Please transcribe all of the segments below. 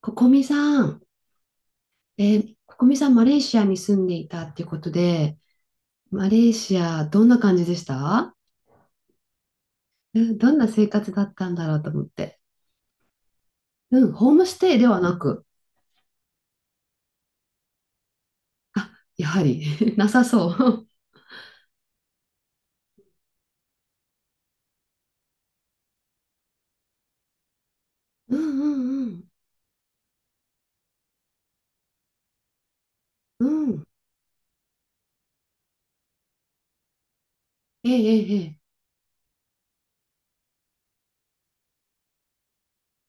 ここみさん、ここみさん、マレーシアに住んでいたっていうことで、マレーシア、どんな感じでした？うん、どんな生活だったんだろうと思って。うん、ホームステイではなく、あ、やはり、なさそう。うんうんうん。うん。ええええ。ええ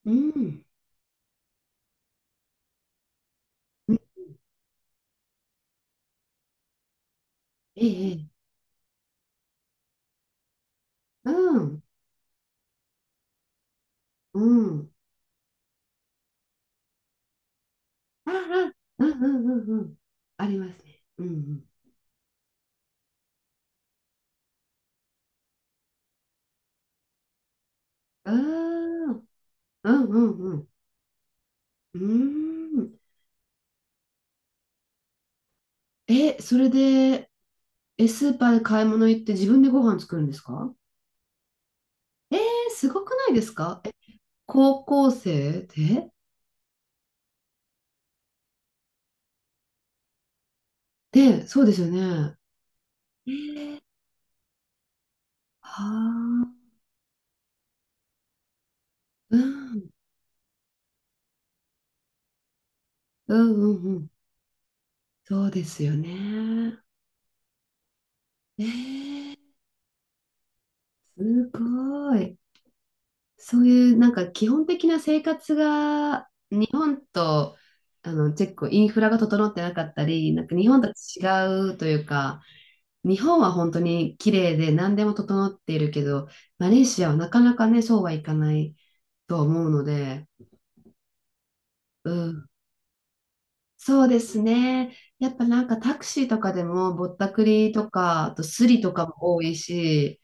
うん。うんええええうん。うん。ああ、うんうんうんうん。ありますね。うんうん。ああ、うんうんうん。うーん。え、それで、え、スーパーで買い物行って自分でご飯作るんですか？えー、すごくないですか？え、高校生で？で、そうですよね。えー、はあ、うん、うん、うん、うん。そうですよね。えー、すごい。そういう、なんか基本的な生活が、日本と、チェック、インフラが整ってなかったり、なんか日本と違うというか、日本は本当に綺麗で何でも整っているけど、マレーシアはなかなかね、そうはいかないとは思うので、うん、そうですね。やっぱなんかタクシーとかでもぼったくりとか、あとスリとかも多いし、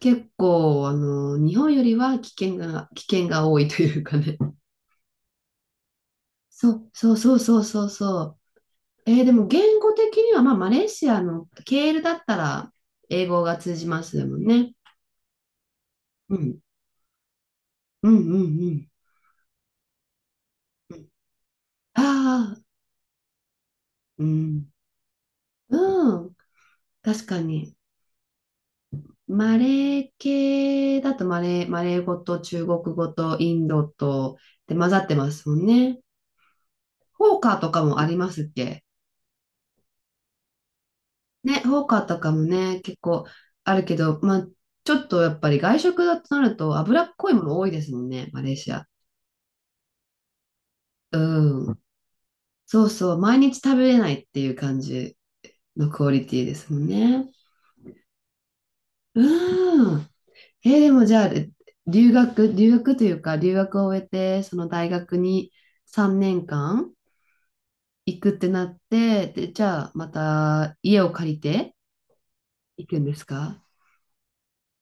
結構日本よりは危険が多いというかね。そうそうそうそうそうそう。でも言語的には、まあ、マレーシアのケールだったら英語が通じますもんね。うん。うんうんうん。ああ、うん。うん。確かに。マレー系だとマレー語と中国語とインドとで混ざってますもんね。フォーカーとかもありますっけ？ね、フォーカーとかもね、結構あるけど、まあ、ちょっとやっぱり外食だとなると脂っこいもの多いですもんね、マレーシア。うん。そうそう、毎日食べれないっていう感じのクオリティですもんね。うん。でもじゃあ、留学というか、留学を終えて、その大学に3年間行くってなって、で、じゃあ、また家を借りて行くんですか？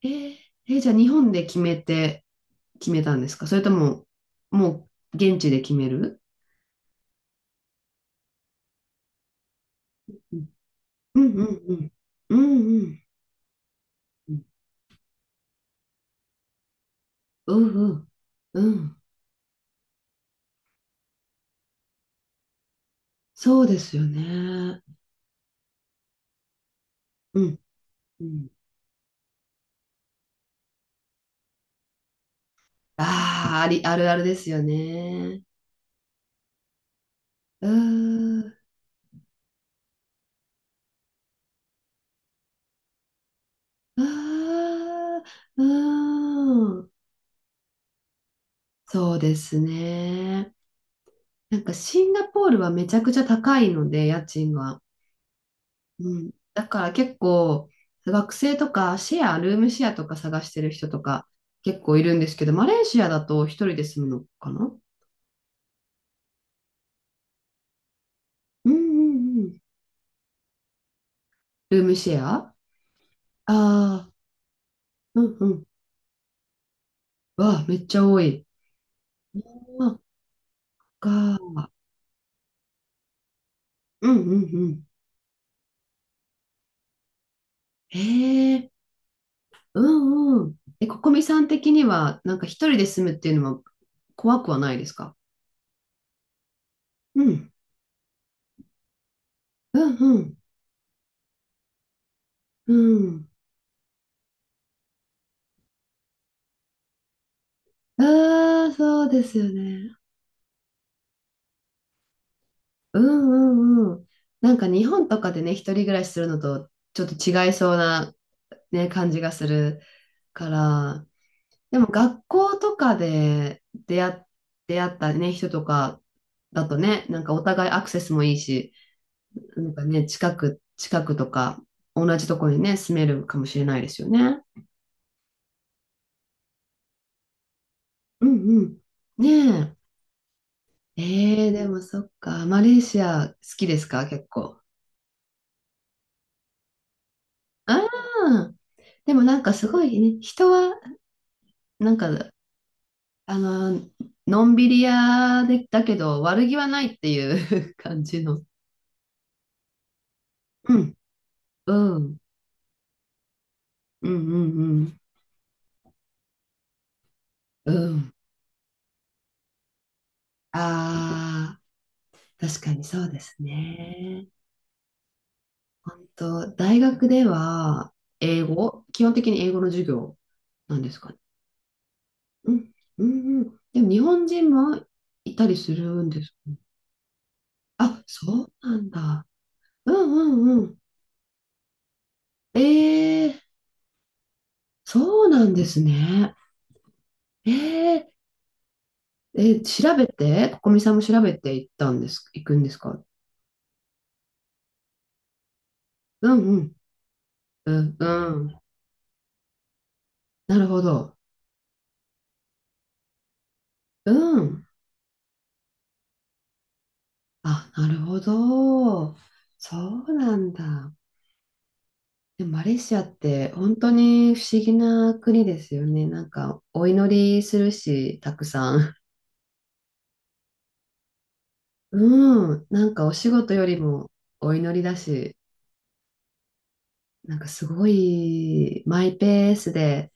えー、じゃあ、日本で決めたんですか？それとも、もう、現地で決める？うんうんうん。うんうんうん。うんうん。うん。そうですよね。うん。うん。ああ、あるあるですよね。うーあーうーん。そうですね。なんかシンガポールはめちゃくちゃ高いので、家賃が。うん。だから結構、学生とかシェア、ルームシェアとか探してる人とか結構いるんですけど、マレーシアだと一人で住むのかな？うんうんうん。ルームシェアああー、うんうん。わあ、めっちゃ多い。そっか。うんうんうん。へえ、うんうん。え、ここみさん的には、なんか一人で住むっていうのは怖くはないですか？うんうんうんうん。ああ、そうですよね。うんうんうん。なんか日本とかでね、一人暮らしするのとちょっと違いそうな、ね、感じがするから、でも学校とかで出会っ、出会ったね、人とかだとね、なんかお互いアクセスもいいし、なんかね、近くとか同じとこにね、住めるかもしれないですよね。うんうんねえ。ええでもそっか。マレーシア好きですか？結構。ああ、でもなんかすごいね、人は、なんか、あの、のんびり屋で、だけど悪気はないっていう 感じの。うん、うん、うん、うん、うん。うんああ、確かにそうですね。本当、大学では英語、基本的に英語の授業なんですかね？うん、うん、うん。でも日本人もいたりするんですかね？あ、そうなんだ。うんうんうん。ええそうなんですね。えええ、調べて、ここみさんも調べて行ったんです、行くんですか？うんうん。うん、うん。なるほど。うん。あ、なるほど。そうなんだ。でもマレーシアって本当に不思議な国ですよね。なんか、お祈りするし、たくさん。うん。なんかお仕事よりもお祈りだし。なんかすごいマイペースで、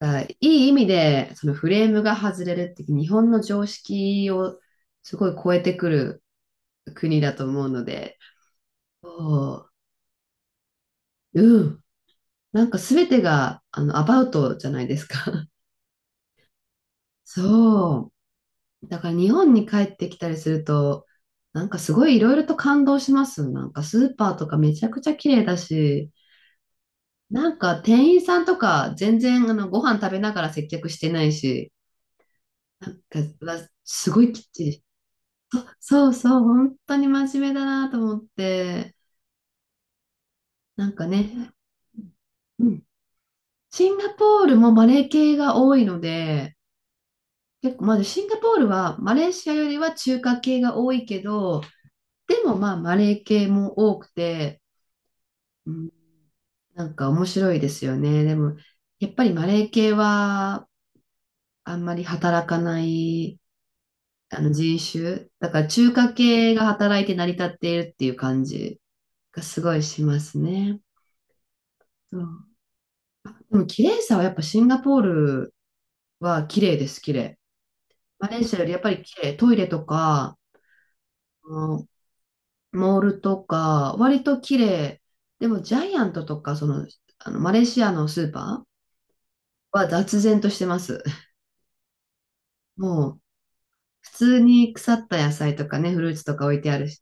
あ、いい意味でそのフレームが外れるって日本の常識をすごい超えてくる国だと思うので、そう、うん、なんか全てがアバウトじゃないですか。そう。だから日本に帰ってきたりすると、なんかすごいいろいろと感動します。なんかスーパーとかめちゃくちゃ綺麗だし、なんか店員さんとか全然ご飯食べながら接客してないし、なんか、わすごいきっちりした。そうそう、本当に真面目だなと思って、なんかね、うん。シンガポールもマレー系が多いので、結構、まずシンガポールはマレーシアよりは中華系が多いけど、でもまあマレー系も多くて、うん、なんか面白いですよね。でも、やっぱりマレー系はあんまり働かないあの人種、だから中華系が働いて成り立っているっていう感じがすごいしますね。そう。でも綺麗さはやっぱシンガポールは綺麗です、綺麗。マレーシアよりやっぱり綺麗。トイレとか、うん。モールとか、割と綺麗。でもジャイアントとか、あのマレーシアのスーパーは雑然としてます。もう、普通に腐った野菜とかね、フルーツとか置いてあるし。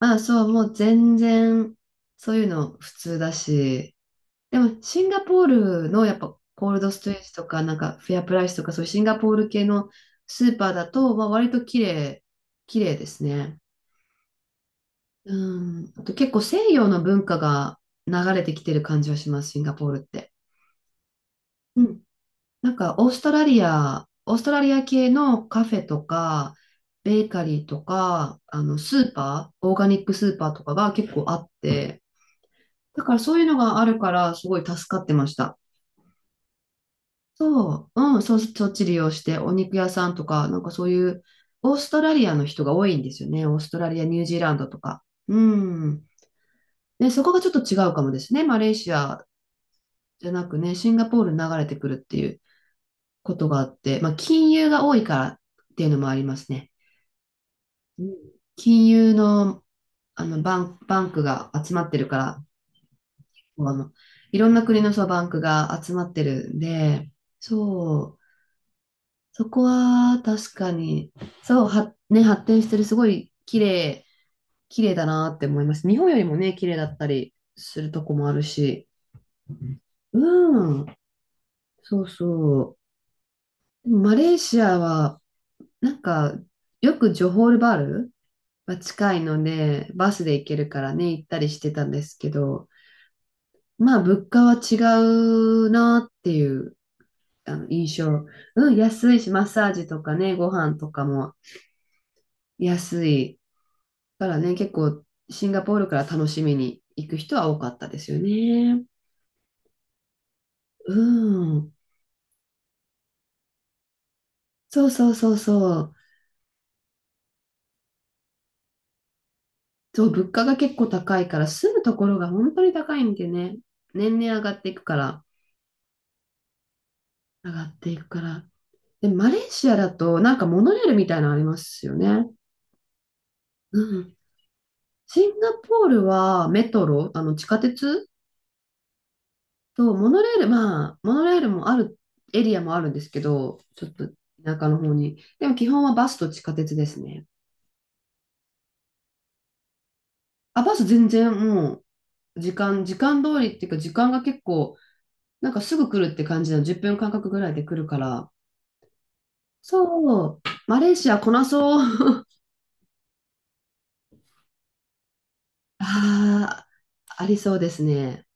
まあそう、もう全然、そういうの普通だし、でも、シンガポールのやっぱコールドストレージとか、なんかフェアプライスとか、そういうシンガポール系のスーパーだと、まあ、割と綺麗、綺麗ですね。うん。あと結構西洋の文化が流れてきてる感じはします、シンガポールって。うん。なんかオーストラリア系のカフェとか、ベーカリーとか、スーパー、オーガニックスーパーとかが結構あって、だからそういうのがあるから、すごい助かってました。そう、うん、そっち利用して、お肉屋さんとか、なんかそういう、オーストラリアの人が多いんですよね。オーストラリア、ニュージーランドとか。うん。ね、そこがちょっと違うかもですね。マレーシアじゃなくね、シンガポールに流れてくるっていうことがあって、まあ、金融が多いからっていうのもありますね。うん。金融の、バンクが集まってるから、あの、いろんな国のそうバンクが集まってるんで、そう、そこは確かに、そう、ね、発展してる、すごい綺麗、綺麗だなって思います。日本よりもね、綺麗だったりするとこもあるし。うん、そうそう。でもマレーシアは、なんか、よくジョホールバールが近いので、バスで行けるからね、行ったりしてたんですけど、まあ、物価は違うなっていう、印象。うん、安いし、マッサージとかね、ご飯とかも安い。からね、結構シンガポールから楽しみに行く人は多かったですよね。うん。そうそうそうそう。そう、物価が結構高いから、住むところが本当に高いんでね。年々上がっていくから、上がっていくから。で、マレーシアだと、なんかモノレールみたいなのありますよね。うん。シンガポールはメトロ、あの地下鉄とモノレール、まあ、モノレールもある、エリアもあるんですけど、ちょっと田舎の方に。でも基本はバスと地下鉄ですね。あ、バス全然もう時間通りっていうか時間が結構、なんかすぐ来るって感じなの、10分間隔ぐらいで来るから。そう、マレーシアこなそう。ああ、ありそうですね。